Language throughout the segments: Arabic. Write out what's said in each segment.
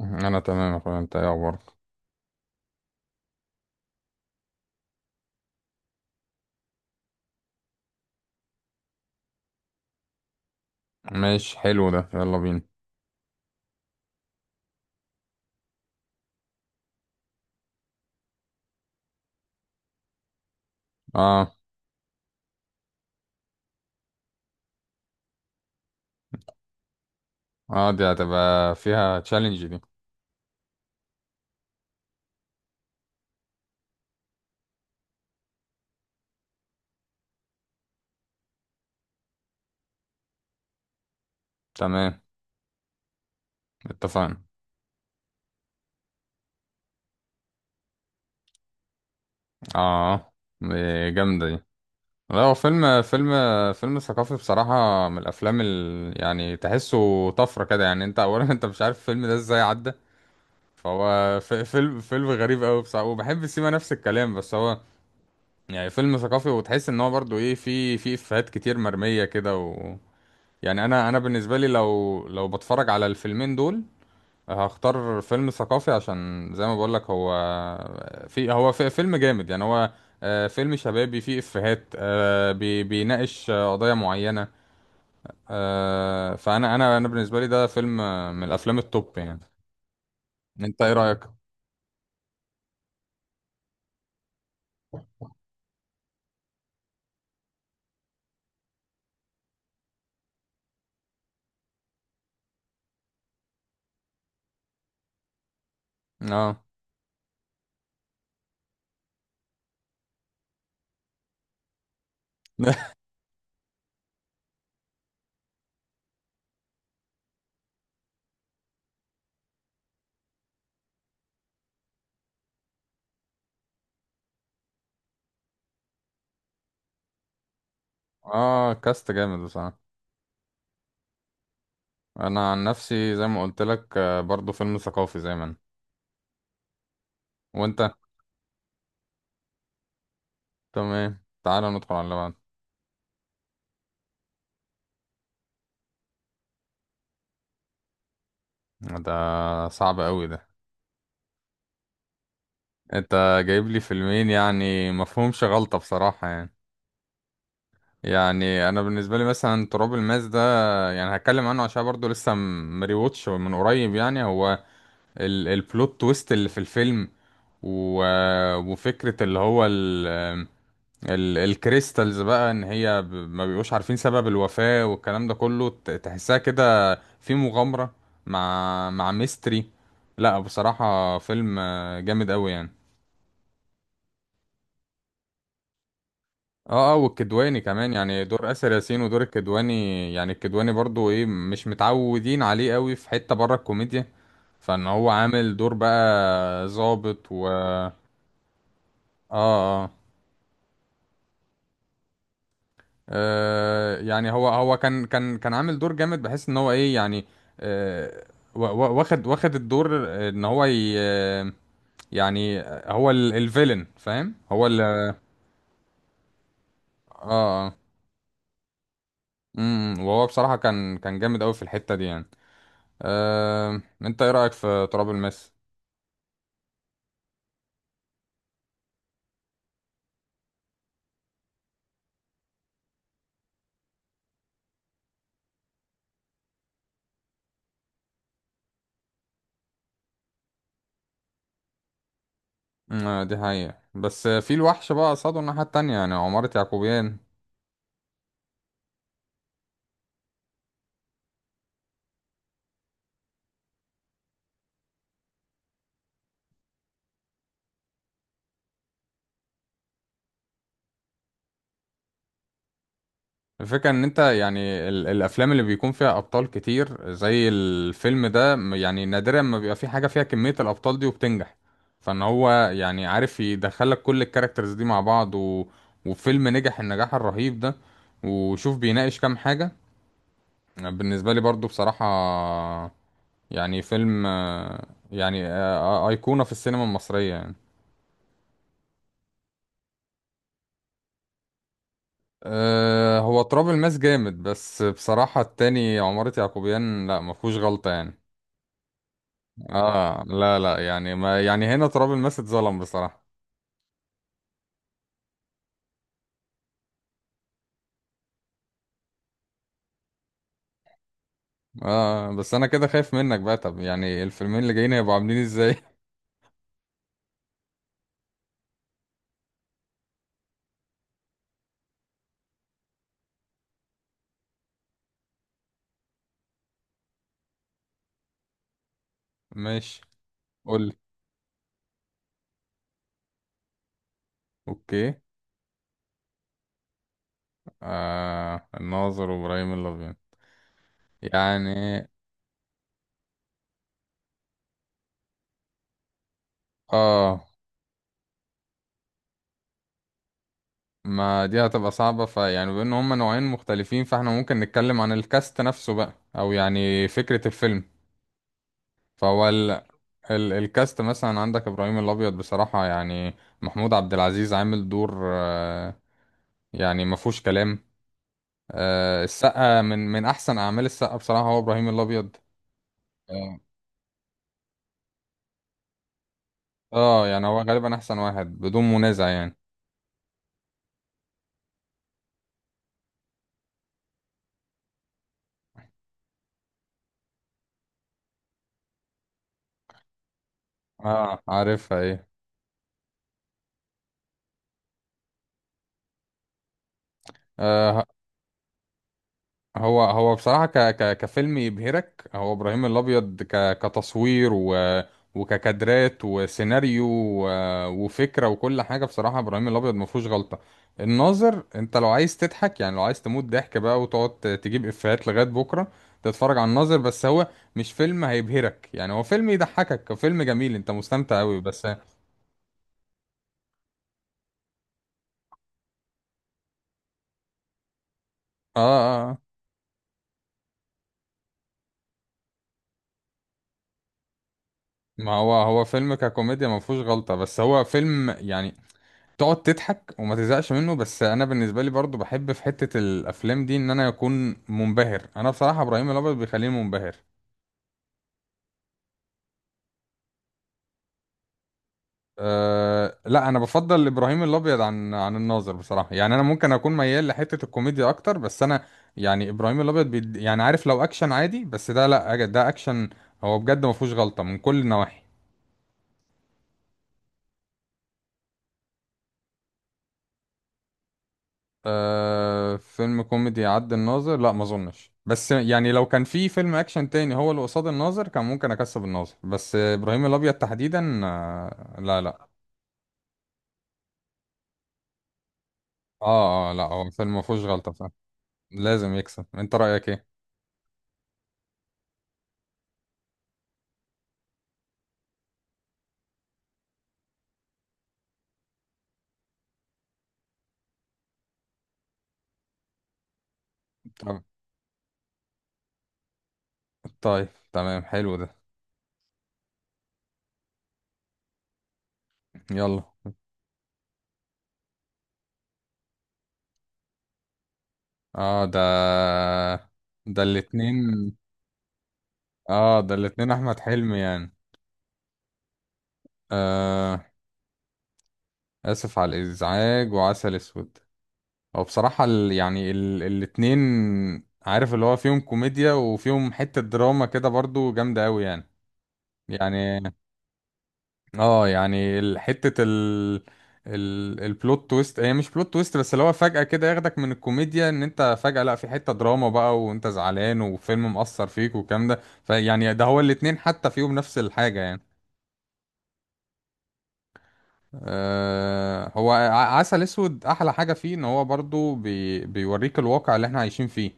انا تمام يا اخويا، انت ايه اخبارك؟ ماشي، حلو ده، يلا بينا. اه. اه، دي هتبقى فيها تشالنج دي. تمام، اتفقنا. اه، دي جامدة دي. لا، هو فيلم. فيلم ثقافي بصراحة، من الافلام يعني تحسه طفرة كده، يعني انت اولا. انت مش عارف الفيلم ده ازاي عدى. فهو فيلم غريب قوي بصراحة، وبحب سيما نفس الكلام، بس هو يعني فيلم ثقافي. وتحس ان هو برضو ايه، في افيهات كتير مرمية كده. يعني انا بالنسبه لي، لو بتفرج على الفيلمين دول، هختار فيلم ثقافي، عشان زي ما بقول لك، هو في، هو في فيلم جامد يعني. هو فيلم شبابي فيه افيهات، بيناقش قضايا معينه. فانا انا بالنسبه لي ده فيلم، من الافلام التوب يعني. انت ايه رايك؟ اه. اه، كاست جامد بصراحه. انا عن نفسي زي ما قلت لك، برضو فيلم ثقافي زي ما أنا. وانت؟ تمام، تعالى ندخل على اللي بعد. ده صعب قوي ده. انت جايب لي فيلمين، يعني مفهومش غلطة بصراحة يعني. يعني انا بالنسبة لي مثلا تراب الماس ده، يعني هتكلم عنه عشان برضو لسه مريوتش من قريب. يعني هو ال البلوت تويست اللي في الفيلم، و وفكرة اللي هو ال الكريستالز بقى، ان هي ما بيبقوش عارفين سبب الوفاة والكلام ده كله. تحسها كده في مغامرة مع ميستري. لا بصراحة، فيلم جامد قوي يعني. اه، اه، والكدواني كمان. يعني دور اسر ياسين ودور الكدواني، يعني الكدواني برضو ايه، مش متعودين عليه قوي في حتة بره الكوميديا. فان هو عامل دور بقى ظابط و اه. اه. يعني هو كان عامل دور جامد، بحيث ان هو ايه يعني. آه. واخد الدور، ان هو ي... يعني، هو الفيلن، فاهم. هو اه. اه. وهو بصراحة كان جامد قوي في الحتة دي يعني. انت ايه رأيك في تراب الماس؟ أه، دي حقيقة، بس في الوحش بقى قصاده الناحية التانية، يعني عمارة يعقوبيان. الفكرة ان انت يعني، الافلام اللي بيكون فيها ابطال كتير زي الفيلم ده، يعني نادرا ما بيبقى في حاجة فيها كمية الابطال دي وبتنجح. فان هو يعني عارف يدخلك كل الكاركترز دي مع بعض، و... وفيلم نجح النجاح الرهيب ده. وشوف بيناقش كام حاجة. بالنسبة لي برضو بصراحة، يعني فيلم أيقونة في السينما المصرية يعني. هو تراب الماس جامد، بس بصراحة التاني عمارة يعقوبيان، لا ما فيهوش غلطة يعني. اه، لا، لا، يعني، ما يعني، هنا تراب الماس اتظلم بصراحة. اه بس انا كده خايف منك بقى. طب يعني الفيلمين اللي جايين هيبقوا عاملين ازاي؟ ماشي. قول لي. اوكي. آه، الناظر وابراهيم الابيض. يعني اه، ما دي هتبقى صعبة، فيعني بما ان هما نوعين مختلفين، فاحنا ممكن نتكلم عن الكاست نفسه بقى، او يعني فكرة الفيلم. فهو الكاست مثلا، عندك ابراهيم الابيض بصراحة يعني، محمود عبد العزيز عامل دور، يعني ما فيهوش كلام. السقا من احسن اعمال السقا بصراحة هو ابراهيم الابيض. اه. يعني هو غالبا احسن واحد بدون منازع يعني. اه، عارفها ايه؟ آه. هو بصراحة ك ك كفيلم يبهرك، هو إبراهيم الأبيض، كتصوير وككادرات وسيناريو و... وفكرة وكل حاجة. بصراحة إبراهيم الأبيض ما فيهوش غلطة. الناظر، أنت لو عايز تضحك، يعني لو عايز تموت ضحك بقى وتقعد تجيب إفيهات لغاية بكرة، تتفرج على الناظر. بس هو مش فيلم هيبهرك، يعني هو فيلم يضحكك، هو فيلم جميل، أنت مستمتع أوي بس اه. اه. آه. ما هو فيلم ككوميديا ما فيهوش غلطة، بس هو فيلم يعني تقعد تضحك وما تزهقش منه. بس انا بالنسبه لي برضو بحب في حته الافلام دي ان انا اكون منبهر، انا بصراحه ابراهيم الابيض بيخليني منبهر. أه لا، انا بفضل ابراهيم الابيض عن الناظر بصراحه. يعني انا ممكن اكون ميال لحته الكوميديا اكتر، بس انا يعني ابراهيم الابيض يعني عارف، لو اكشن عادي بس ده، لا ده اكشن، هو بجد ما فيهوش غلطه من كل النواحي. آه، فيلم كوميدي عد الناظر، لا ما اظنش. بس يعني لو كان في فيلم اكشن تاني هو اللي قصاد الناظر، كان ممكن اكسب الناظر. بس ابراهيم الابيض تحديدا، آه لا، لا. اه، اه، لا هو فيلم ما فيهوش غلطة فعلا. لازم يكسب. انت رأيك ايه؟ طب. طيب، تمام، حلو ده. يلا. اه، ده. ده الاتنين. اه، ده الاتنين احمد حلمي يعني. آه. اسف على الازعاج وعسل اسود. هو بصراحة يعني الاتنين، عارف اللي هو فيهم كوميديا وفيهم حتة دراما كده برضو جامدة أوي يعني. يعني اه، يعني البلوت تويست، هي مش بلوت تويست، بس اللي هو فجأة كده ياخدك من الكوميديا ان انت فجأة، لا في حتة دراما بقى، وانت زعلان وفيلم مأثر فيك والكلام ده. فيعني ده هو الاتنين حتى فيهم نفس الحاجة يعني. آه، هو عسل اسود احلى حاجة فيه ان هو برضو بيوريك الواقع اللي احنا عايشين فيه.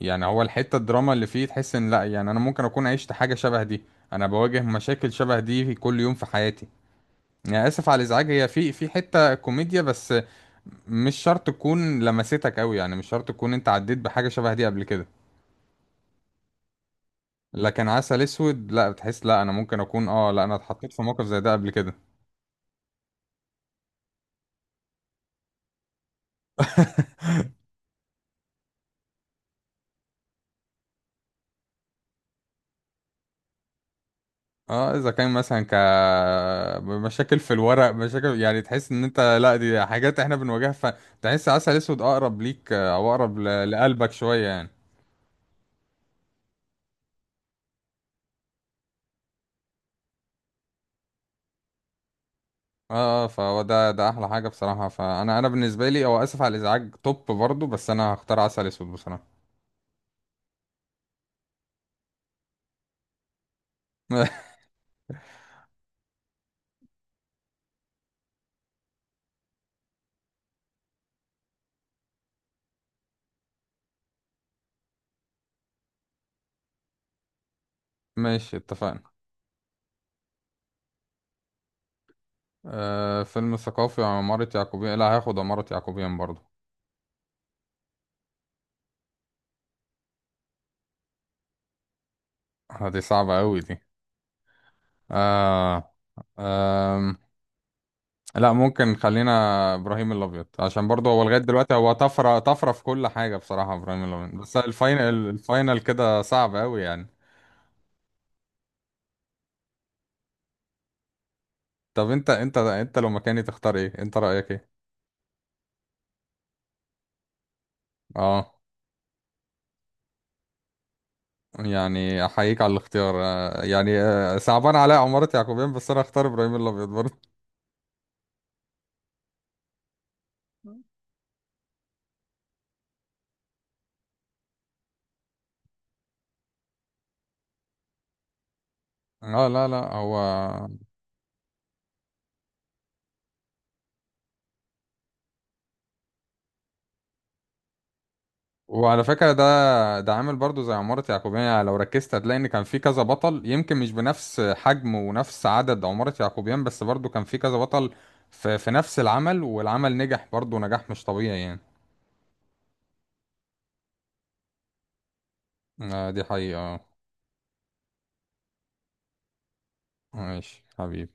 يعني هو الحتة الدراما اللي فيه، تحس ان لا يعني انا ممكن اكون عشت حاجة شبه دي، انا بواجه مشاكل شبه دي في كل يوم في حياتي. يعني اسف على الازعاج، هي في حتة كوميديا، بس مش شرط تكون لمستك قوي، يعني مش شرط تكون انت عديت بحاجة شبه دي قبل كده. لكن عسل اسود، لا بتحس، لا انا ممكن اكون، اه لا انا اتحطيت في موقف زي ده قبل كده. اه اذا كان مثلا، مشاكل في الورق، مشاكل يعني، تحس ان انت لا، دي حاجات احنا بنواجهها. فتحس عسل اسود اقرب ليك، او اقرب لقلبك شوية يعني. اه، اه، فهو ده احلى حاجه بصراحه. فانا بالنسبه لي، او اسف على الازعاج توب برضو، بس انا هختار عسل اسود بصراحه. ماشي، اتفقنا. آه، فيلم ثقافي عمارة يعقوبيان، لا هاخد عمارة يعقوبيان برضو. آه، دي صعبة أوي دي. آه. آم، لا ممكن خلينا إبراهيم الأبيض، عشان برضو هو لغاية دلوقتي هو طفرة طفرة في كل حاجة، بصراحة إبراهيم الأبيض، بس الفاينل، الفاينل كده صعب أوي يعني. طب أنت لو مكاني تختار إيه؟ أنت رأيك إيه؟ اه. يعني احييك على الاختيار، صعبان عليا عمارة يعقوبيان، بس انا اختار ابراهيم الابيض برضه. اه، لا، لا. هو وعلى فكرة ده عامل برضه زي عمارة يعقوبيان. يعني لو ركزت هتلاقي ان كان في كذا بطل، يمكن مش بنفس حجم ونفس عدد عمارة يعقوبيان، بس برضه كان في كذا بطل في, نفس العمل. والعمل نجح برضه نجاح مش طبيعي يعني. آه، دي حقيقة آه. ماشي حبيبي.